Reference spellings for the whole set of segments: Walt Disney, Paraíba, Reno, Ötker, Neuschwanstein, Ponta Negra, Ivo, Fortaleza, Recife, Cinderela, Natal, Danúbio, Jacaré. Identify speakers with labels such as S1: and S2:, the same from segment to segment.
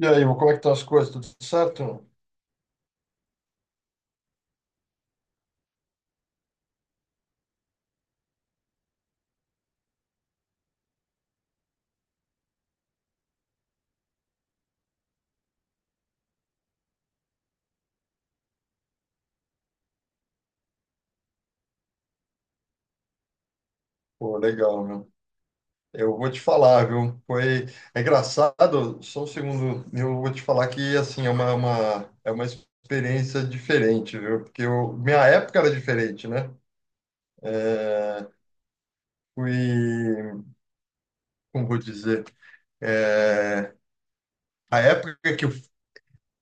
S1: E aí, meu, como é que estão as coisas? Tudo certo? Pô, legal, meu. Eu vou te falar, viu? É engraçado, só um segundo. Eu vou te falar que, assim, é uma experiência diferente, viu? Minha época era diferente, né? É... Fui... Como vou dizer? É... A época que eu...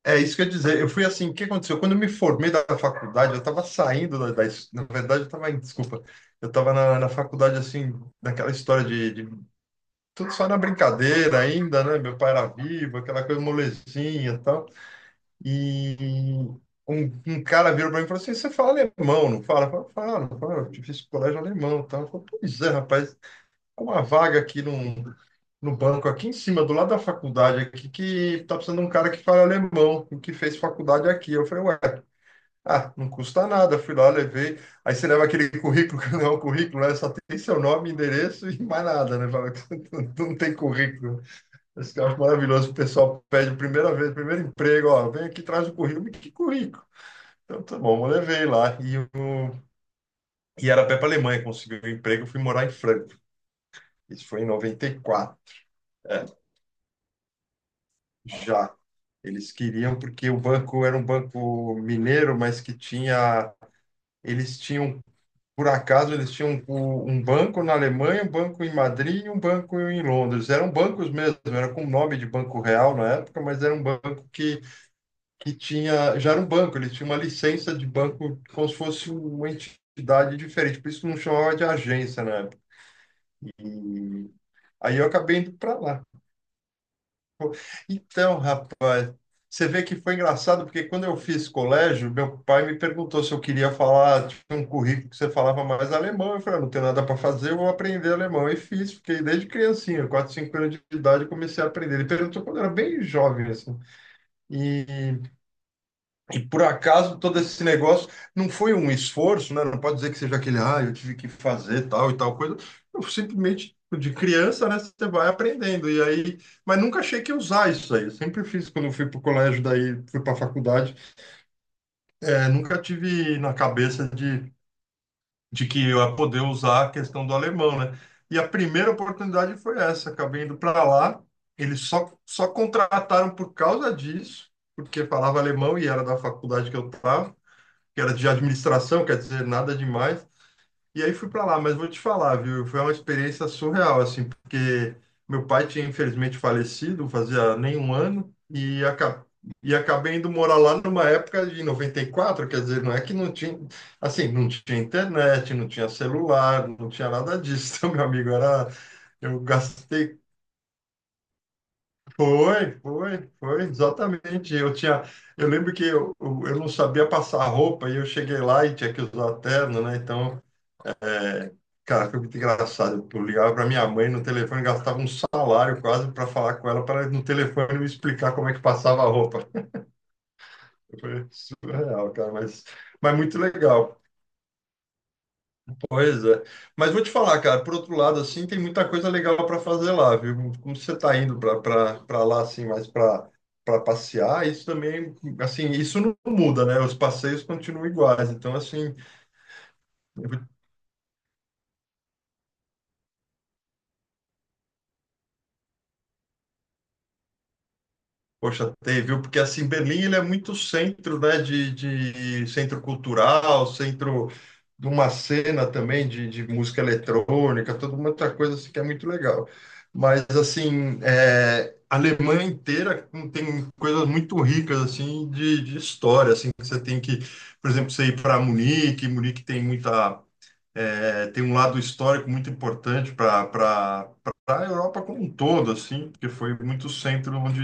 S1: É isso que eu ia dizer. Eu fui assim, o que aconteceu? Quando eu me formei da faculdade, eu estava saindo da... da... es- Na verdade, Desculpa. Eu estava na faculdade, assim, naquela história de tudo só na brincadeira ainda, né? Meu pai era vivo, aquela coisa molezinha e tal. E um, um cara virou para mim e falou assim: Você fala alemão, não fala? Eu falei, falo, falo, eu fiz colégio alemão e tal. Eu falei, pois é, rapaz, é uma vaga aqui no banco, aqui em cima, do lado da faculdade, aqui, que tá precisando de um cara que fala alemão, que fez faculdade aqui. Eu falei, ué, ah, não custa nada. Fui lá, levei. Aí você leva aquele currículo, que não é um currículo, né? Só tem seu nome, endereço e mais nada, né? Fala, não tem currículo. Esse que eu acho maravilhoso, o pessoal pede a primeira vez, primeiro emprego, ó, vem aqui, traz o currículo, mas que currículo? Então, tá bom, eu levei lá. E era pé para Alemanha, consegui o um emprego, fui morar em Franco. Isso foi em 94. É, já. Eles queriam, porque o banco era um banco mineiro, mas que tinha. Eles tinham, por acaso, eles tinham um banco na Alemanha, um banco em Madrid e um banco em Londres. Eram bancos mesmo, era com o nome de Banco Real na época, mas era um banco que tinha. Já era um banco, ele tinha uma licença de banco como se fosse uma entidade diferente, por isso que não chamava de agência na época. E aí eu acabei indo para lá. Pô, então, rapaz, você vê que foi engraçado, porque quando eu fiz colégio, meu pai me perguntou se eu queria falar, tipo, um currículo que você falava mais alemão. Eu falei, "Ah, não tenho nada para fazer, eu vou aprender alemão." E fiz, fiquei desde criancinha, 4, 5 anos de idade, eu comecei a aprender. Ele perguntou quando eu era bem jovem, assim. E E por acaso todo esse negócio não foi um esforço, né? Não pode dizer que seja aquele, ah, eu tive que fazer tal e tal coisa. Eu simplesmente, de criança, né, você vai aprendendo. E aí, mas nunca achei que ia usar isso aí. Eu sempre fiz quando eu fui para o colégio, daí fui para a faculdade. É, nunca tive na cabeça de que eu ia poder usar a questão do alemão, né? E a primeira oportunidade foi essa. Acabei indo para lá. Eles só contrataram por causa disso, porque falava alemão e era da faculdade que eu estava, que era de administração, quer dizer, nada demais. E aí fui para lá, mas vou te falar, viu? Foi uma experiência surreal, assim, porque meu pai tinha infelizmente falecido, fazia nem um ano, e, e acabei indo morar lá numa época de 94, quer dizer, não é que não tinha, assim, não tinha internet, não tinha celular, não tinha nada disso, meu amigo, era, eu gastei exatamente. Eu lembro que eu não sabia passar roupa e eu cheguei lá e tinha que usar terno, né? Então, é, cara, foi muito engraçado. Eu ligava para minha mãe no telefone, gastava um salário quase para falar com ela, para no telefone me explicar como é que passava a roupa. Foi surreal, cara, mas muito legal. Pois é. Mas vou te falar, cara, por outro lado, assim, tem muita coisa legal para fazer lá, viu? Como você está indo para lá, assim, mais para passear, isso também, assim, isso não muda, né? Os passeios continuam iguais. Então, assim, poxa, teve, viu? Porque assim, Berlim ele é muito centro, né? De centro cultural, centro de uma cena também de música eletrônica, toda uma outra coisa assim, que é muito legal. Mas assim, é, a Alemanha inteira tem coisas muito ricas assim de história, assim que você tem que, por exemplo, você ir para Munique. Munique tem um lado histórico muito importante para a Europa como um todo, assim, porque foi muito centro onde,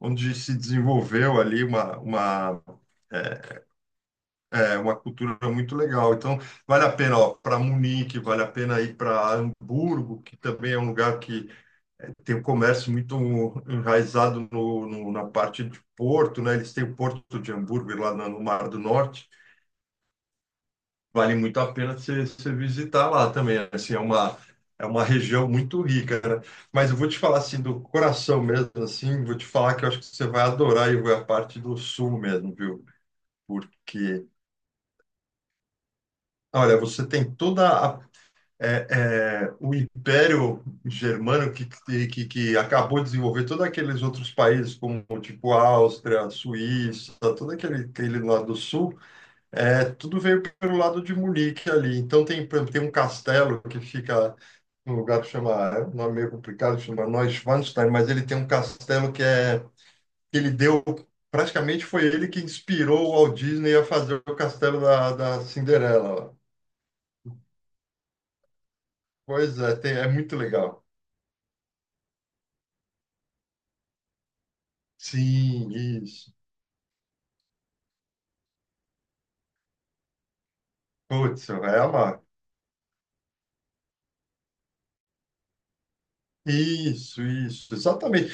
S1: onde se desenvolveu ali é, uma cultura muito legal. Então, vale a pena ó para Munique, vale a pena ir para Hamburgo, que também é um lugar que tem um comércio muito enraizado na parte de Porto, né? Eles têm o Porto de Hamburgo lá no Mar do Norte. Vale muito a pena você visitar lá também. Assim, é uma região muito rica, né? Mas eu vou te falar assim do coração mesmo, assim, vou te falar que eu acho que você vai adorar e a parte do sul mesmo, viu? Porque, olha, você tem toda a o Império Germânico que acabou de desenvolver todos aqueles outros países, como tipo Áustria, Suíça, todo aquele lado do sul. É, tudo veio pelo lado de Munique ali. Então tem, por exemplo, tem um castelo que fica num lugar que chama, é um nome meio complicado, chama Neuschwanstein, mas ele tem um castelo que é que ele deu, praticamente foi ele que inspirou o Walt Disney a fazer o castelo da Cinderela lá. Pois é, é muito legal. Sim, isso. Putz, você vai amar. Isso, exatamente.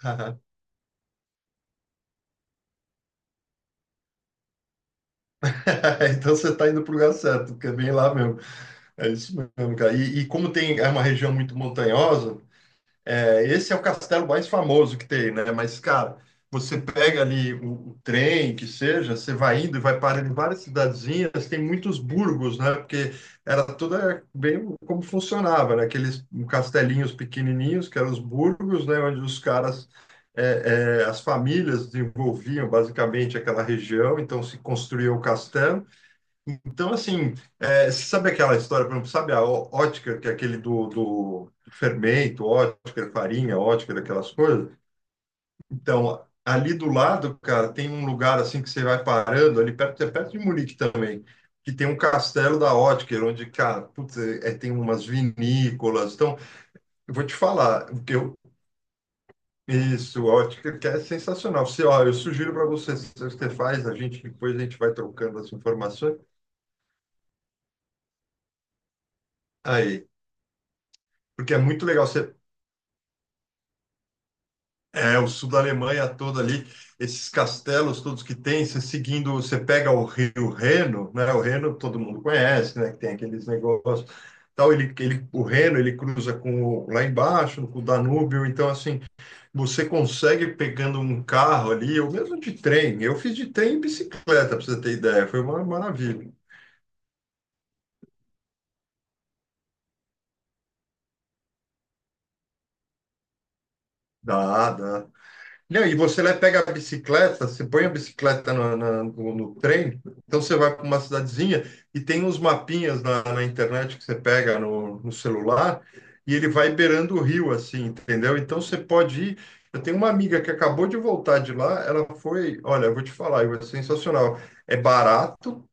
S1: Então você está indo para o lugar certo, porque é bem lá mesmo. É isso mesmo, cara. E como tem, é uma região muito montanhosa, é, esse é o castelo mais famoso que tem, né? Mas, cara, você pega ali o trem, que seja, você vai indo e vai parando em várias cidadezinhas, tem muitos burgos, né? Porque era toda bem como funcionava, né? Aqueles castelinhos pequenininhos, que eram os burgos, né? Onde os caras, as famílias desenvolviam basicamente aquela região, então se construía o castelo. Então, assim, sabe aquela história, por exemplo, sabe a Ótker, que é aquele do fermento, Ótker, farinha, Ótker, aquelas coisas? Então, ali do lado, cara, tem um lugar assim que você vai parando, ali perto, é perto de Munique também, que tem um castelo da Ótker, onde, cara, putz, tem umas vinícolas. Então, eu vou te falar, o que eu, isso, Ótker, que é sensacional. Você, ó, eu sugiro para você, se você faz, a gente, depois a gente vai trocando as informações. Aí. Porque é muito legal. Você É, o sul da Alemanha todo ali, esses castelos todos que tem, você seguindo, você pega o rio Reno, né? O Reno todo mundo conhece, né? Que tem aqueles negócios, tal, o Reno, ele cruza com o, lá embaixo, com o Danúbio, então assim, você consegue pegando um carro ali, ou mesmo de trem. Eu fiz de trem e bicicleta, para você ter ideia, foi uma maravilha. Dá, dá. Não, e você lá pega a bicicleta, você põe a bicicleta no trem, então você vai para uma cidadezinha e tem uns mapinhas na internet que você pega no celular e ele vai beirando o rio, assim, entendeu? Então você pode ir. Eu tenho uma amiga que acabou de voltar de lá, ela foi, olha, eu vou te falar, é sensacional. É barato,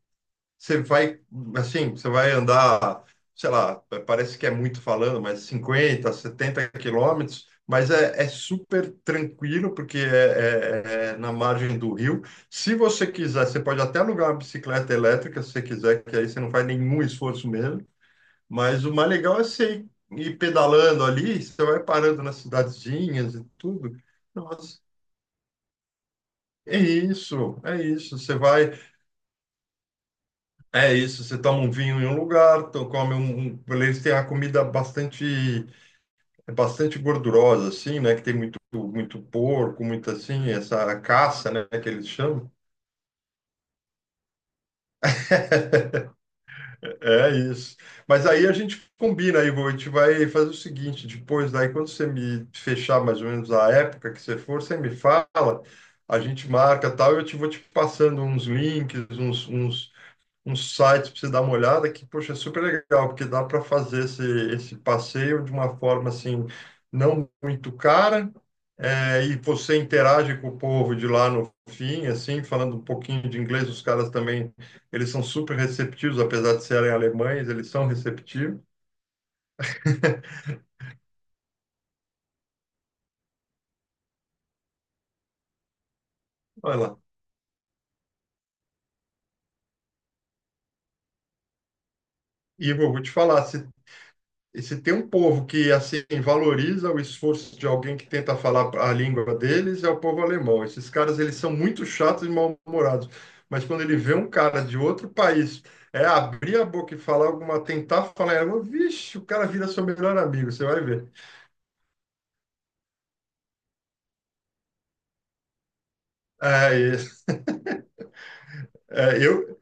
S1: você vai, assim, você vai andar, sei lá, parece que é muito falando, mas 50, 70 quilômetros, mas é, é- super tranquilo, porque é na margem do rio. Se você quiser, você pode até alugar uma bicicleta elétrica, se você quiser, que aí você não faz nenhum esforço mesmo. Mas o mais legal é você ir pedalando ali, você vai parando nas cidadezinhas e tudo. Nossa, é isso, é isso. Você vai. É isso, você toma um vinho em um lugar. Eles têm a comida bastante gordurosa assim, né, que tem muito muito porco, muito assim, essa caça, né, que eles chamam. É isso. Mas aí a gente combina, Ivo, a gente vai fazer o seguinte, depois daí quando você me fechar mais ou menos a época que você for, você me fala, a gente marca tal, eu te vou te passando uns links, uns, uns um site para você dar uma olhada que, poxa, é super legal, porque dá para fazer esse passeio de uma forma assim, não muito cara, e você interage com o povo de lá no fim, assim, falando um pouquinho de inglês. Os caras também, eles são super receptivos, apesar de serem alemães, eles são receptivos. Olha lá. E eu vou te falar, se E se tem um povo que assim valoriza o esforço de alguém que tenta falar a língua deles, é o povo alemão. Esses caras eles são muito chatos e mal-humorados. Mas quando ele vê um cara de outro país é abrir a boca e falar alguma, tentar falar, ela, vixe, o cara vira seu melhor amigo, você vai ver. É, e- é, eu,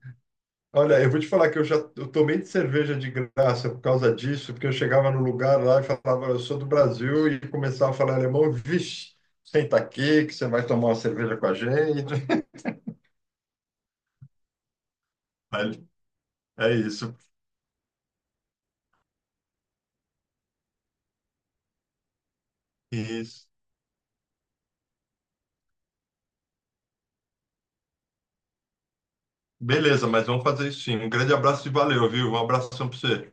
S1: olha, eu vou te falar que eu já eu tomei de cerveja de graça por causa disso, porque eu chegava no lugar lá e falava, eu sou do Brasil, e começava a falar alemão, vixe, senta aqui que você vai tomar uma cerveja com a gente. Vale. É isso. Isso. Beleza, mas vamos fazer isso sim. Um grande abraço e valeu, viu? Um abração para você.